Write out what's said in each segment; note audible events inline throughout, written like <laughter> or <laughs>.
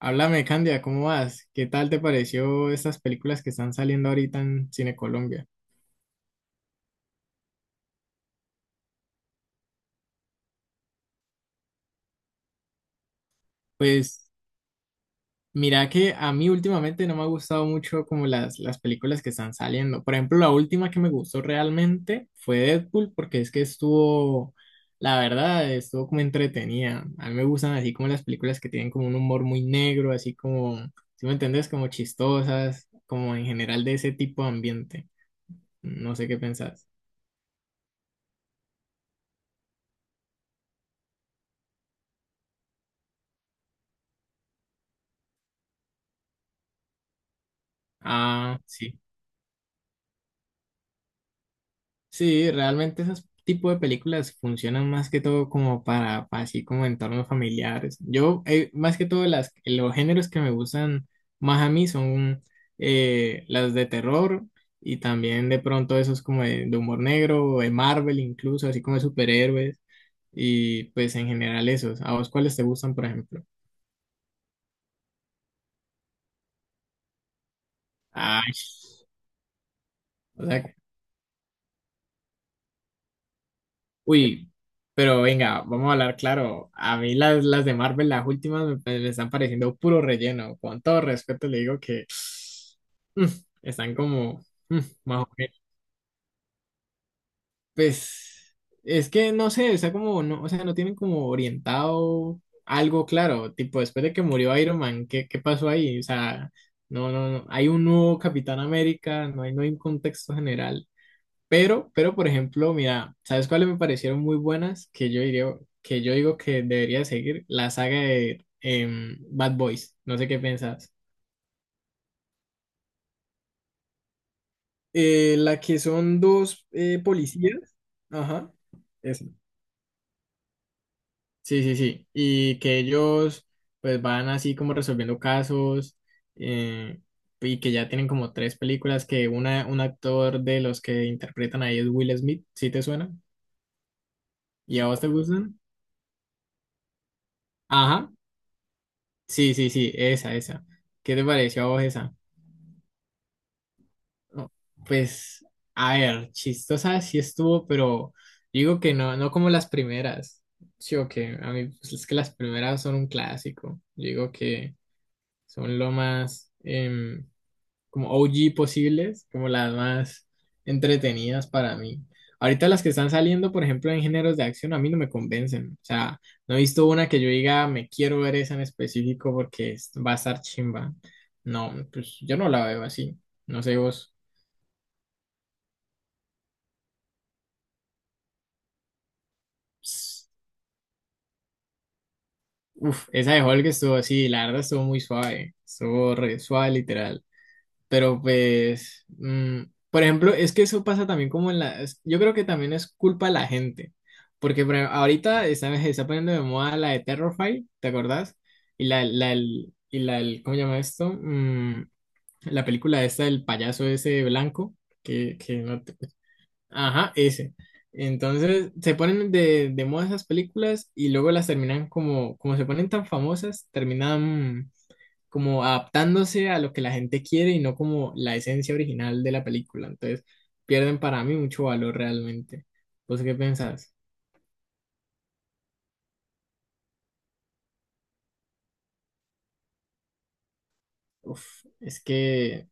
Háblame, Candia, ¿cómo vas? ¿Qué tal te pareció estas películas que están saliendo ahorita en Cine Colombia? Pues mira que a mí últimamente no me ha gustado mucho como las películas que están saliendo. Por ejemplo, la última que me gustó realmente fue Deadpool porque es que estuvo, la verdad, estuvo como entretenida. A mí me gustan así como las películas que tienen como un humor muy negro, así como, si me entendés, como chistosas, como en general de ese tipo de ambiente. No sé qué pensás. Ah, sí. Sí, realmente esos tipos de películas funcionan más que todo como para así como entornos familiares. Yo, más que todo, los géneros que me gustan más a mí son las de terror y también de pronto esos como de humor negro o de Marvel incluso, así como de superhéroes y pues en general esos. ¿A vos cuáles te gustan, por ejemplo? Ay, o sea, uy, pero venga, vamos a hablar claro. A mí las de Marvel, las últimas, me están pareciendo puro relleno. Con todo respeto le digo que mm, están como mm, más o menos. Pues es que no sé, está como, no, o sea, no tienen como orientado algo claro. Tipo, después de que murió Iron Man, ¿qué pasó ahí? O sea, no, no, no. Hay un nuevo Capitán América, no hay un contexto general. Pero, por ejemplo, mira, ¿sabes cuáles me parecieron muy buenas? Que yo digo que debería seguir la saga de Bad Boys. No sé qué pensás. La que son dos policías. Ajá. Esa. Sí, sí, sí. Y que ellos pues van así como resolviendo casos, eh, y que ya tienen como tres películas, que un actor de los que interpretan ahí es Will Smith, ¿sí te suena? ¿Y a vos te gustan? Ajá. Sí, sí, sí, esa, esa. ¿Qué te pareció a vos esa? No. Pues, a ver, chistosa sí estuvo, pero digo que no, no como las primeras. Sí, o que a mí, pues, es que las primeras son un clásico. Digo que son lo más, como OG posibles, como las más entretenidas para mí. Ahorita las que están saliendo, por ejemplo, en géneros de acción, a mí no me convencen. O sea, no he visto una que yo diga, me quiero ver esa en específico porque va a estar chimba. No, pues yo no la veo así. No sé vos. Ps, Uf, esa de Hulk estuvo así, la verdad estuvo muy suave. Estuvo re suave, literal. Pero pues, por ejemplo, es que eso pasa también como en la... es- yo creo que también es culpa de la gente, porque por ejemplo, ahorita se está poniendo de moda la de Terrify, ¿te acordás? Y la, el- y la, el- ¿cómo se llama esto? La película esta del payaso ese blanco, que no te- ajá, ese. Entonces, se ponen de moda esas películas y luego las terminan como se ponen tan famosas, terminan como adaptándose a lo que la gente quiere y no como la esencia original de la película. Entonces, pierden para mí mucho valor realmente. ¿Vos qué pensás? Uf, es que,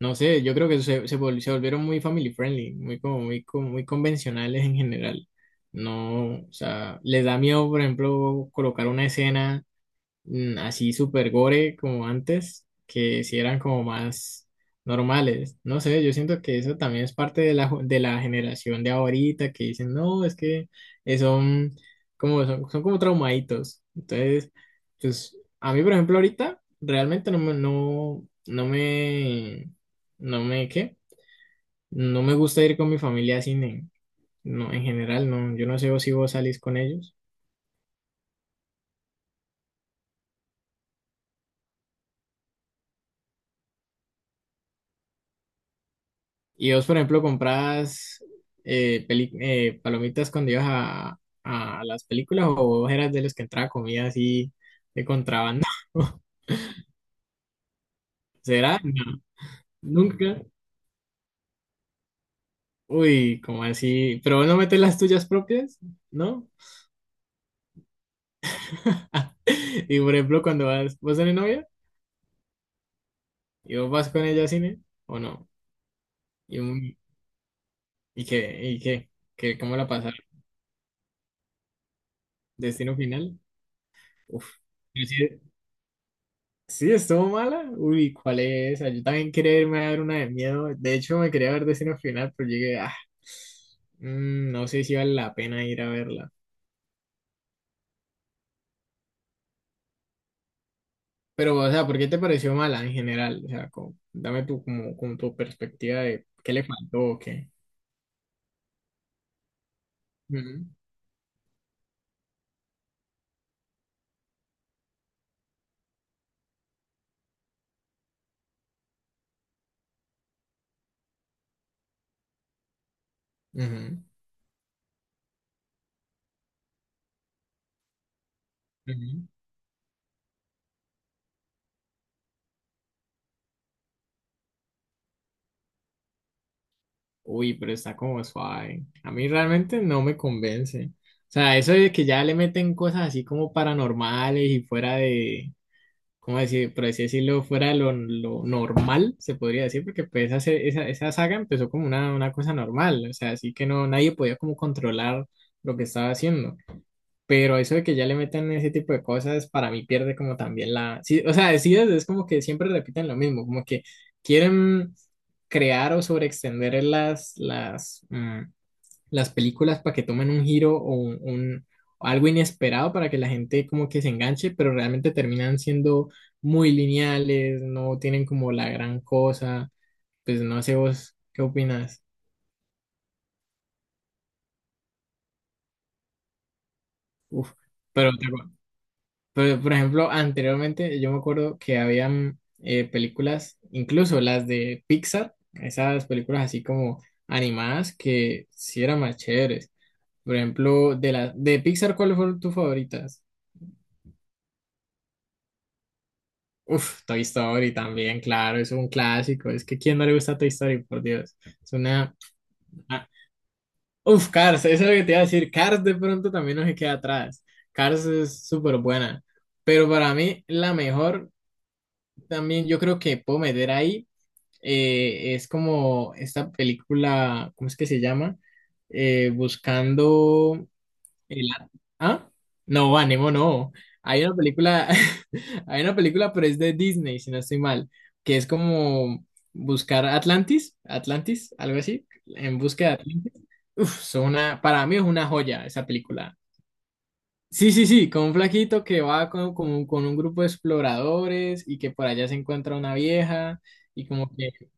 no sé, yo creo que se volvieron muy family friendly, muy, como, muy, como muy convencionales en general. No, o sea, les da miedo, por ejemplo, colocar una escena, así super gore como antes, que si eran como más normales. No sé, yo siento que eso también es parte de de la generación de ahorita que dicen, no, es que son como, son como traumaditos. Entonces, pues a mí, por ejemplo, ahorita realmente no me, no, no me, no me, ¿qué? no me gusta ir con mi familia a cine. No, en general, no. Yo no sé si vos salís con ellos. Y vos, por ejemplo, comprabas, palomitas cuando ibas a las películas, o vos eras de los que entraba comida así de contrabando. <laughs> ¿Será? No, nunca. Uy, como así? ¿Pero vos no metes las tuyas propias? ¿No? <laughs> Y por ejemplo, cuando vas, vos tenés novia y vos vas con ella al cine o no. Y, un- y qué, y qué, ¿Cómo la pasar? ¿Destino Final? Uf. Sí, estuvo mala. Uy, ¿cuál es esa? Yo también quería irme a ver una de miedo. De hecho, me quería ver Destino Final, pero llegué, no sé si vale la pena ir a verla. Pero, o sea, ¿por qué te pareció mala en general? O sea, dame tu, como tu perspectiva de qué le faltó o qué. Ujú, ujú, ujú. Uy, pero está como suave. A mí realmente no me convence. O sea, eso de que ya le meten cosas así como paranormales y fuera de, como decir, por así decirlo, fuera de lo normal, se podría decir, porque pues esa saga empezó como una cosa normal, o sea, así que no, nadie podía como controlar lo que estaba haciendo. Pero eso de que ya le metan ese tipo de cosas, para mí pierde como también la... Sí, o sea, decides, es como que siempre repiten lo mismo, como que quieren crear o sobreextender las películas para que tomen un giro o algo inesperado para que la gente como que se enganche, pero realmente terminan siendo muy lineales, no tienen como la gran cosa. Pues no sé vos qué opinas. Uf, pero, te acu- pero, por ejemplo, anteriormente yo me acuerdo que habían, películas, incluso las de Pixar, esas películas así como animadas que sí eran más chéveres. Por ejemplo, de la de Pixar, ¿cuáles fueron tus favoritas? Uf, Toy Story también, claro, es un clásico. Es que ¿quién no le gusta Toy Story? Por Dios. Es una... Ah, uf, Cars, eso es lo que te iba a decir. Cars de pronto también no se queda atrás. Cars es súper buena. Pero para mí la mejor también yo creo que puedo meter ahí, es como esta película, ¿cómo es que se llama? Buscando... El a- ¿Ah? No, Anemo, no. Hay una película, <laughs> hay una película, pero es de Disney, si no estoy mal, que es como buscar Atlantis, algo así, en busca de Atlantis. Uf, para mí es una joya esa película. Sí, sí, sí, con un flaquito que va con un grupo de exploradores y que por allá se encuentra una vieja y como que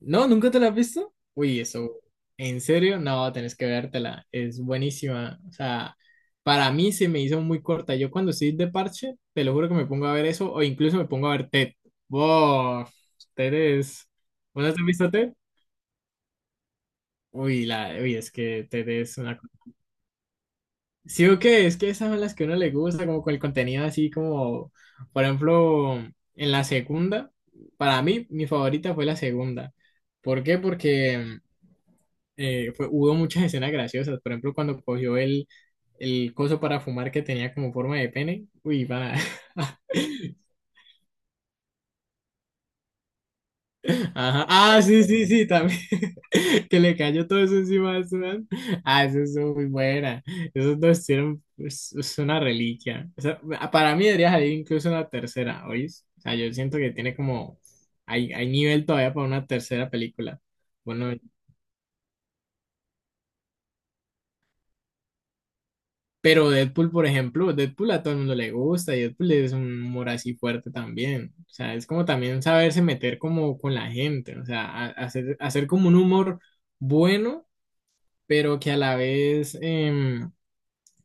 ¿no? ¿Nunca te la has visto? Uy, eso, ¿en serio? No, tenés que vértela, es buenísima. O sea, para mí se me hizo muy corta. Yo cuando estoy de parche, te lo juro que me pongo a ver eso o incluso me pongo a ver TED. ¡Wow! TED es... ¿Vos no te has visto TED? Uy, la... Uy, es que TED es una... sí o qué, es que esas son las que a uno le gusta, como con el contenido así como, por ejemplo, en la segunda, para mí mi favorita fue la segunda. ¿Por qué? Porque... hubo muchas <laughs> escenas graciosas. Por ejemplo, cuando cogió el coso para fumar que tenía como forma de pene. Uy, va. <laughs> Ajá. Ah, sí, sí, sí, también. <laughs> Que le cayó todo eso encima de su mano. Ah, eso es muy buena. Esos dos hicieron, es una reliquia. O sea, para mí debería salir incluso una tercera, ¿oís? O sea, yo siento que tiene como... hay nivel todavía para una tercera película. Bueno, pero Deadpool, por ejemplo, Deadpool a todo el mundo le gusta y Deadpool es un humor así fuerte también. O sea, es como también saberse meter como con la gente, o sea, hacer como un humor bueno, pero que a la vez,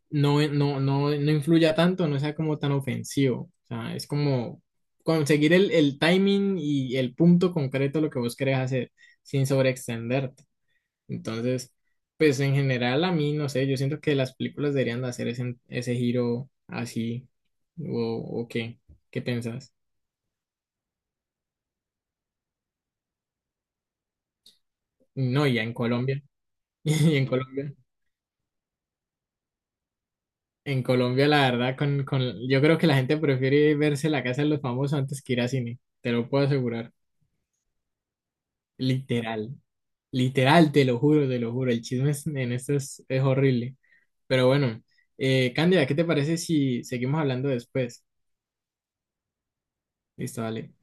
no, no, no, no influya tanto, no sea como tan ofensivo. O sea, es como conseguir el timing y el punto concreto de lo que vos querés hacer sin sobreextenderte. Entonces, pues en general a mí, no sé, yo siento que las películas deberían de hacer ese giro así, o, o qué, ¿qué piensas? No, y en Colombia, <laughs> y en Colombia, en Colombia la verdad, yo creo que la gente prefiere verse La Casa de los Famosos antes que ir a cine, te lo puedo asegurar, literal, literal, te lo juro, el chisme en esto es horrible, pero bueno, Cándida, ¿qué te parece si seguimos hablando después? Listo, dale.